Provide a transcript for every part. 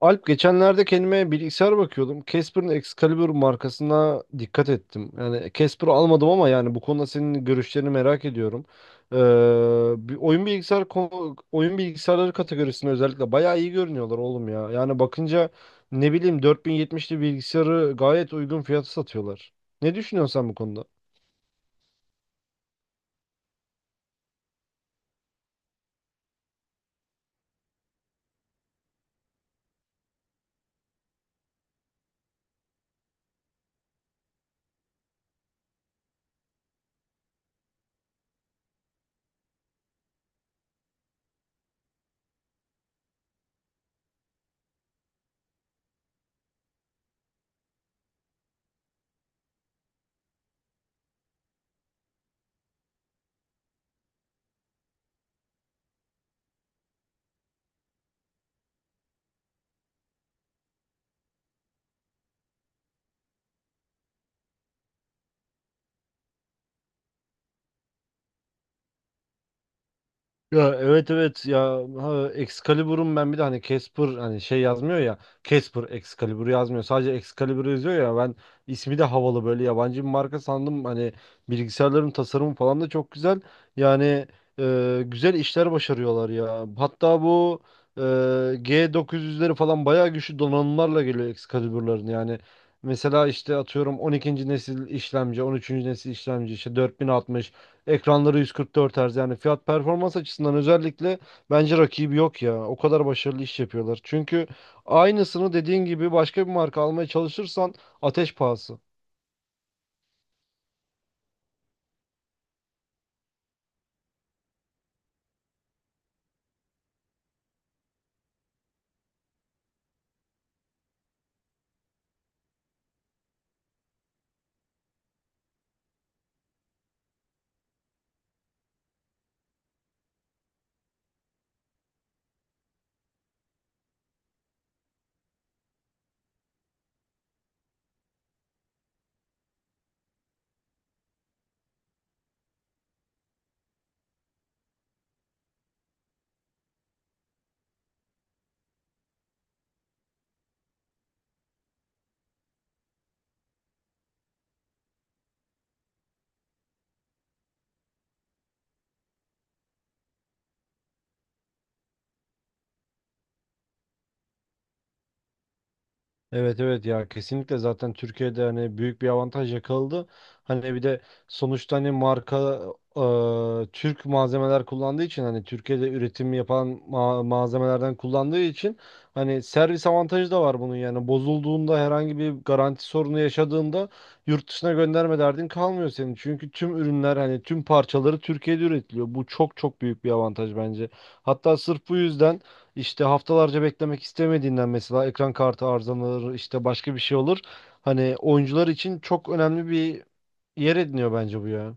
Alp, geçenlerde kendime bilgisayar bakıyordum. Casper'ın Excalibur markasına dikkat ettim. Yani Casper'ı almadım ama yani bu konuda senin görüşlerini merak ediyorum. Bir oyun bilgisayarları kategorisinde özellikle bayağı iyi görünüyorlar oğlum ya. Yani bakınca ne bileyim 4070'li bilgisayarı gayet uygun fiyata satıyorlar. Ne düşünüyorsun sen bu konuda? Ya, evet evet ya, ha, Excalibur'un ben bir de hani Casper hani şey yazmıyor ya, Casper Excalibur yazmıyor, sadece Excalibur yazıyor ya, ben ismi de havalı, böyle yabancı bir marka sandım hani. Bilgisayarların tasarımı falan da çok güzel yani. Güzel işler başarıyorlar ya, hatta bu e, G900'leri falan bayağı güçlü donanımlarla geliyor Excalibur'ların. Yani mesela işte atıyorum 12. nesil işlemci, 13. nesil işlemci, işte 4060. Ekranları 144 Hz. Yani fiyat performans açısından özellikle bence rakibi yok ya. O kadar başarılı iş yapıyorlar. Çünkü aynısını dediğin gibi başka bir marka almaya çalışırsan ateş pahası. Evet evet ya, kesinlikle zaten Türkiye'de hani büyük bir avantaj yakaladı. Hani bir de sonuçta hani marka, Türk malzemeler kullandığı için, hani Türkiye'de üretim yapan malzemelerden kullandığı için, hani servis avantajı da var bunun. Yani bozulduğunda, herhangi bir garanti sorunu yaşadığında, yurt dışına gönderme derdin kalmıyor senin. Çünkü tüm ürünler, hani tüm parçaları Türkiye'de üretiliyor. Bu çok çok büyük bir avantaj bence. Hatta sırf bu yüzden, işte haftalarca beklemek istemediğinden, mesela ekran kartı arızalanır, işte başka bir şey olur. Hani oyuncular için çok önemli bir yer ediniyor bence bu ya.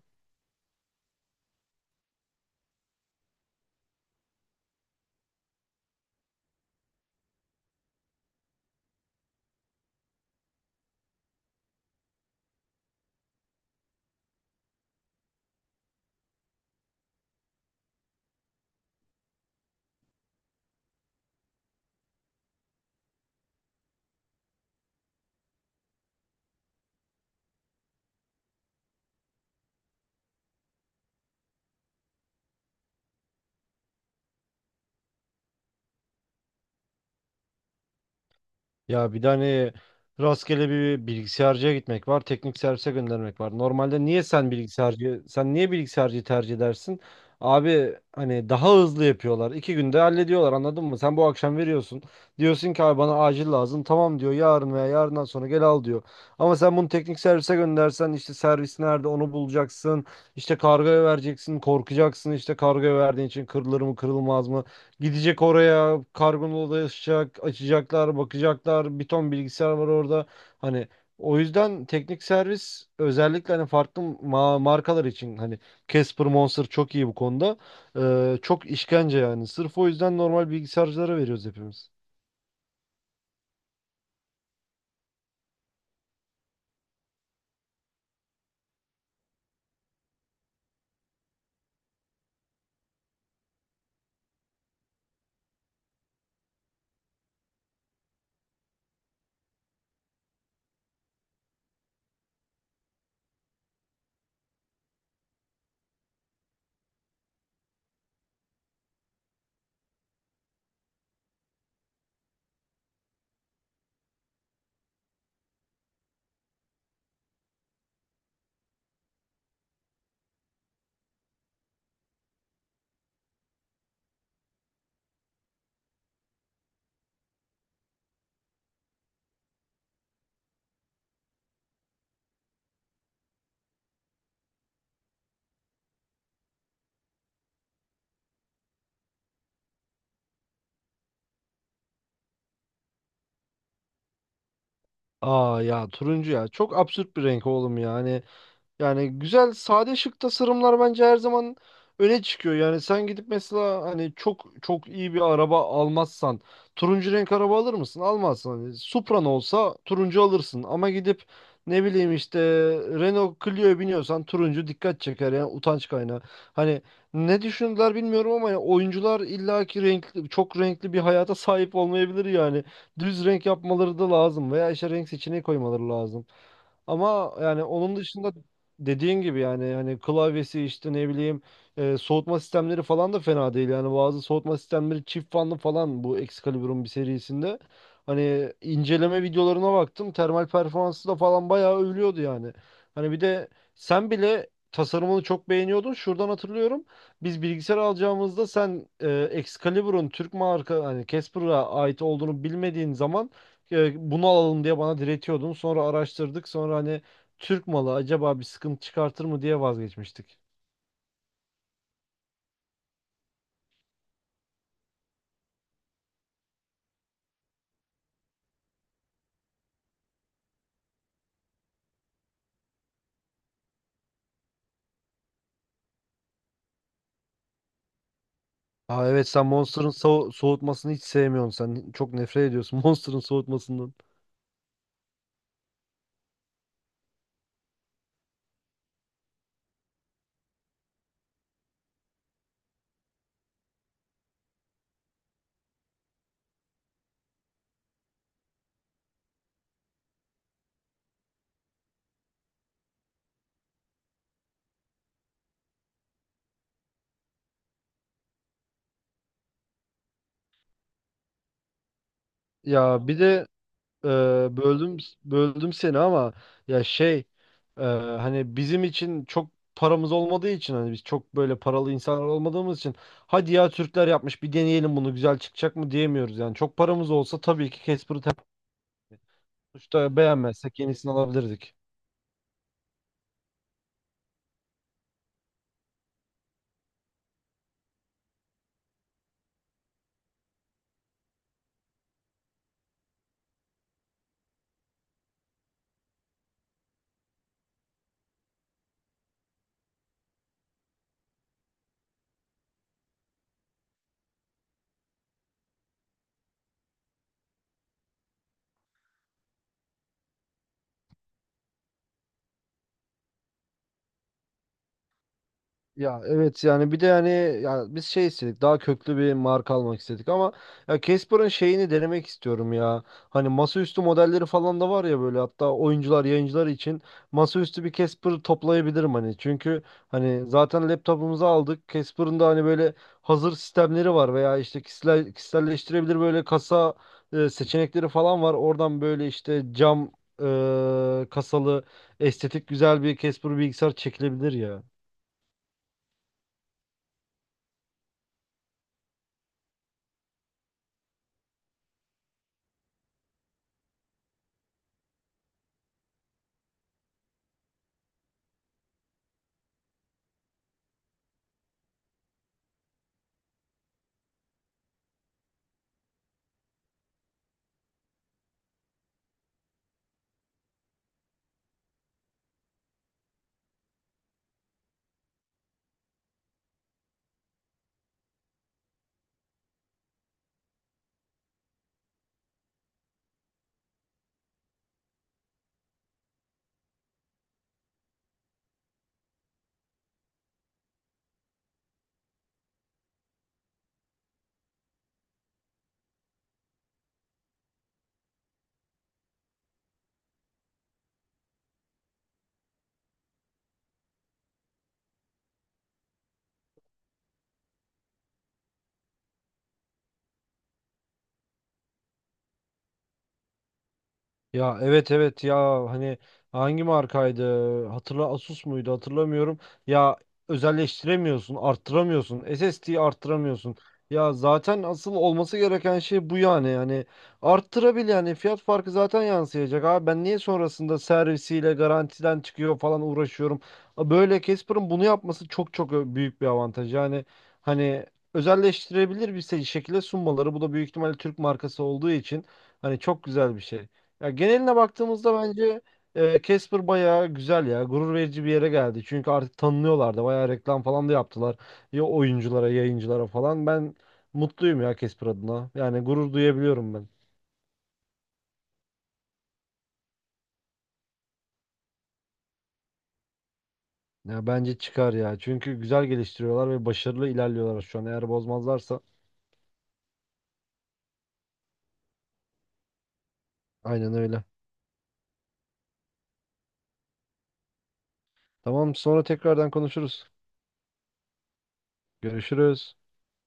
Ya bir tane rastgele bir bilgisayarcıya gitmek var, teknik servise göndermek var. Normalde niye sen bilgisayarcı, sen niye bilgisayarcıyı tercih edersin? Abi hani daha hızlı yapıyorlar. İki günde hallediyorlar, anladın mı? Sen bu akşam veriyorsun. Diyorsun ki abi bana acil lazım. Tamam diyor, yarın veya yarından sonra gel al diyor. Ama sen bunu teknik servise göndersen işte servis nerede onu bulacaksın. İşte kargoya vereceksin, korkacaksın, işte kargoya verdiğin için kırılır mı kırılmaz mı? Gidecek oraya, kargonun odasıacak, açacaklar, bakacaklar. Bir ton bilgisayar var orada. Hani o yüzden teknik servis, özellikle hani farklı markalar için, hani Casper Monster çok iyi bu konuda. Çok işkence yani. Sırf o yüzden normal bilgisayarcılara veriyoruz hepimiz. Aa ya, turuncu ya. Çok absürt bir renk oğlum yani. Yani güzel, sade, şık tasarımlar bence her zaman öne çıkıyor. Yani sen gidip mesela hani çok çok iyi bir araba almazsan turuncu renk araba alır mısın? Almazsın. Hani Supra'n olsa turuncu alırsın ama gidip ne bileyim işte Renault Clio'ya biniyorsan turuncu dikkat çeker, yani utanç kaynağı. Hani ne düşündüler bilmiyorum ama yani oyuncular illaki renkli, çok renkli bir hayata sahip olmayabilir yani. Düz renk yapmaları da lazım veya işte renk seçeneği koymaları lazım. Ama yani onun dışında, dediğin gibi yani, hani klavyesi, işte ne bileyim, soğutma sistemleri falan da fena değil. Yani bazı soğutma sistemleri çift fanlı falan, bu Excalibur'un bir serisinde. Hani inceleme videolarına baktım. Termal performansı da falan bayağı övülüyordu yani. Hani bir de sen bile tasarımını çok beğeniyordun. Şuradan hatırlıyorum. Biz bilgisayar alacağımızda sen Excalibur'un Türk marka, hani Casper'a ait olduğunu bilmediğin zaman, bunu alalım diye bana diretiyordun. Sonra araştırdık. Sonra hani Türk malı acaba bir sıkıntı çıkartır mı diye vazgeçmiştik. Aa evet, sen Monster'ın soğutmasını hiç sevmiyorsun. Sen çok nefret ediyorsun Monster'ın soğutmasından. Ya bir de e, böldüm seni ama ya, şey, hani bizim için çok paramız olmadığı için, hani biz çok böyle paralı insanlar olmadığımız için, hadi ya Türkler yapmış bir deneyelim bunu, güzel çıkacak mı diyemiyoruz yani. Çok paramız olsa tabii ki Casper'ı. Sonuçta beğenmezsek yenisini alabilirdik. Ya evet, yani bir de yani, ya biz şey istedik, daha köklü bir marka almak istedik ama ya Casper'ın şeyini denemek istiyorum ya. Hani masaüstü modelleri falan da var ya böyle, hatta oyuncular, yayıncılar için masaüstü bir Casper toplayabilirim hani. Çünkü hani zaten laptopumuzu aldık. Casper'ın da hani böyle hazır sistemleri var veya işte kişisel, kişiselleştirebilir böyle kasa seçenekleri falan var. Oradan böyle işte cam kasalı estetik güzel bir Casper bilgisayar çekilebilir ya. Ya evet evet ya, hani hangi markaydı? Hatırla, Asus muydu? Hatırlamıyorum. Ya özelleştiremiyorsun, arttıramıyorsun. SSD'yi arttıramıyorsun. Ya zaten asıl olması gereken şey bu yani. Yani yani fiyat farkı zaten yansıyacak. Abi ben niye sonrasında servisiyle garantiden çıkıyor falan uğraşıyorum. Böyle Casper'ın bunu yapması çok çok büyük bir avantaj. Yani hani özelleştirebilir şekilde sunmaları, bu da büyük ihtimalle Türk markası olduğu için hani çok güzel bir şey. Ya geneline baktığımızda bence Casper bayağı güzel ya. Gurur verici bir yere geldi. Çünkü artık tanınıyorlar da, bayağı reklam falan da yaptılar. Ya oyunculara, yayıncılara falan. Ben mutluyum ya Casper adına. Yani gurur duyabiliyorum ben. Ya bence çıkar ya. Çünkü güzel geliştiriyorlar ve başarılı ilerliyorlar şu an. Eğer bozmazlarsa aynen öyle. Tamam, sonra tekrardan konuşuruz. Görüşürüz.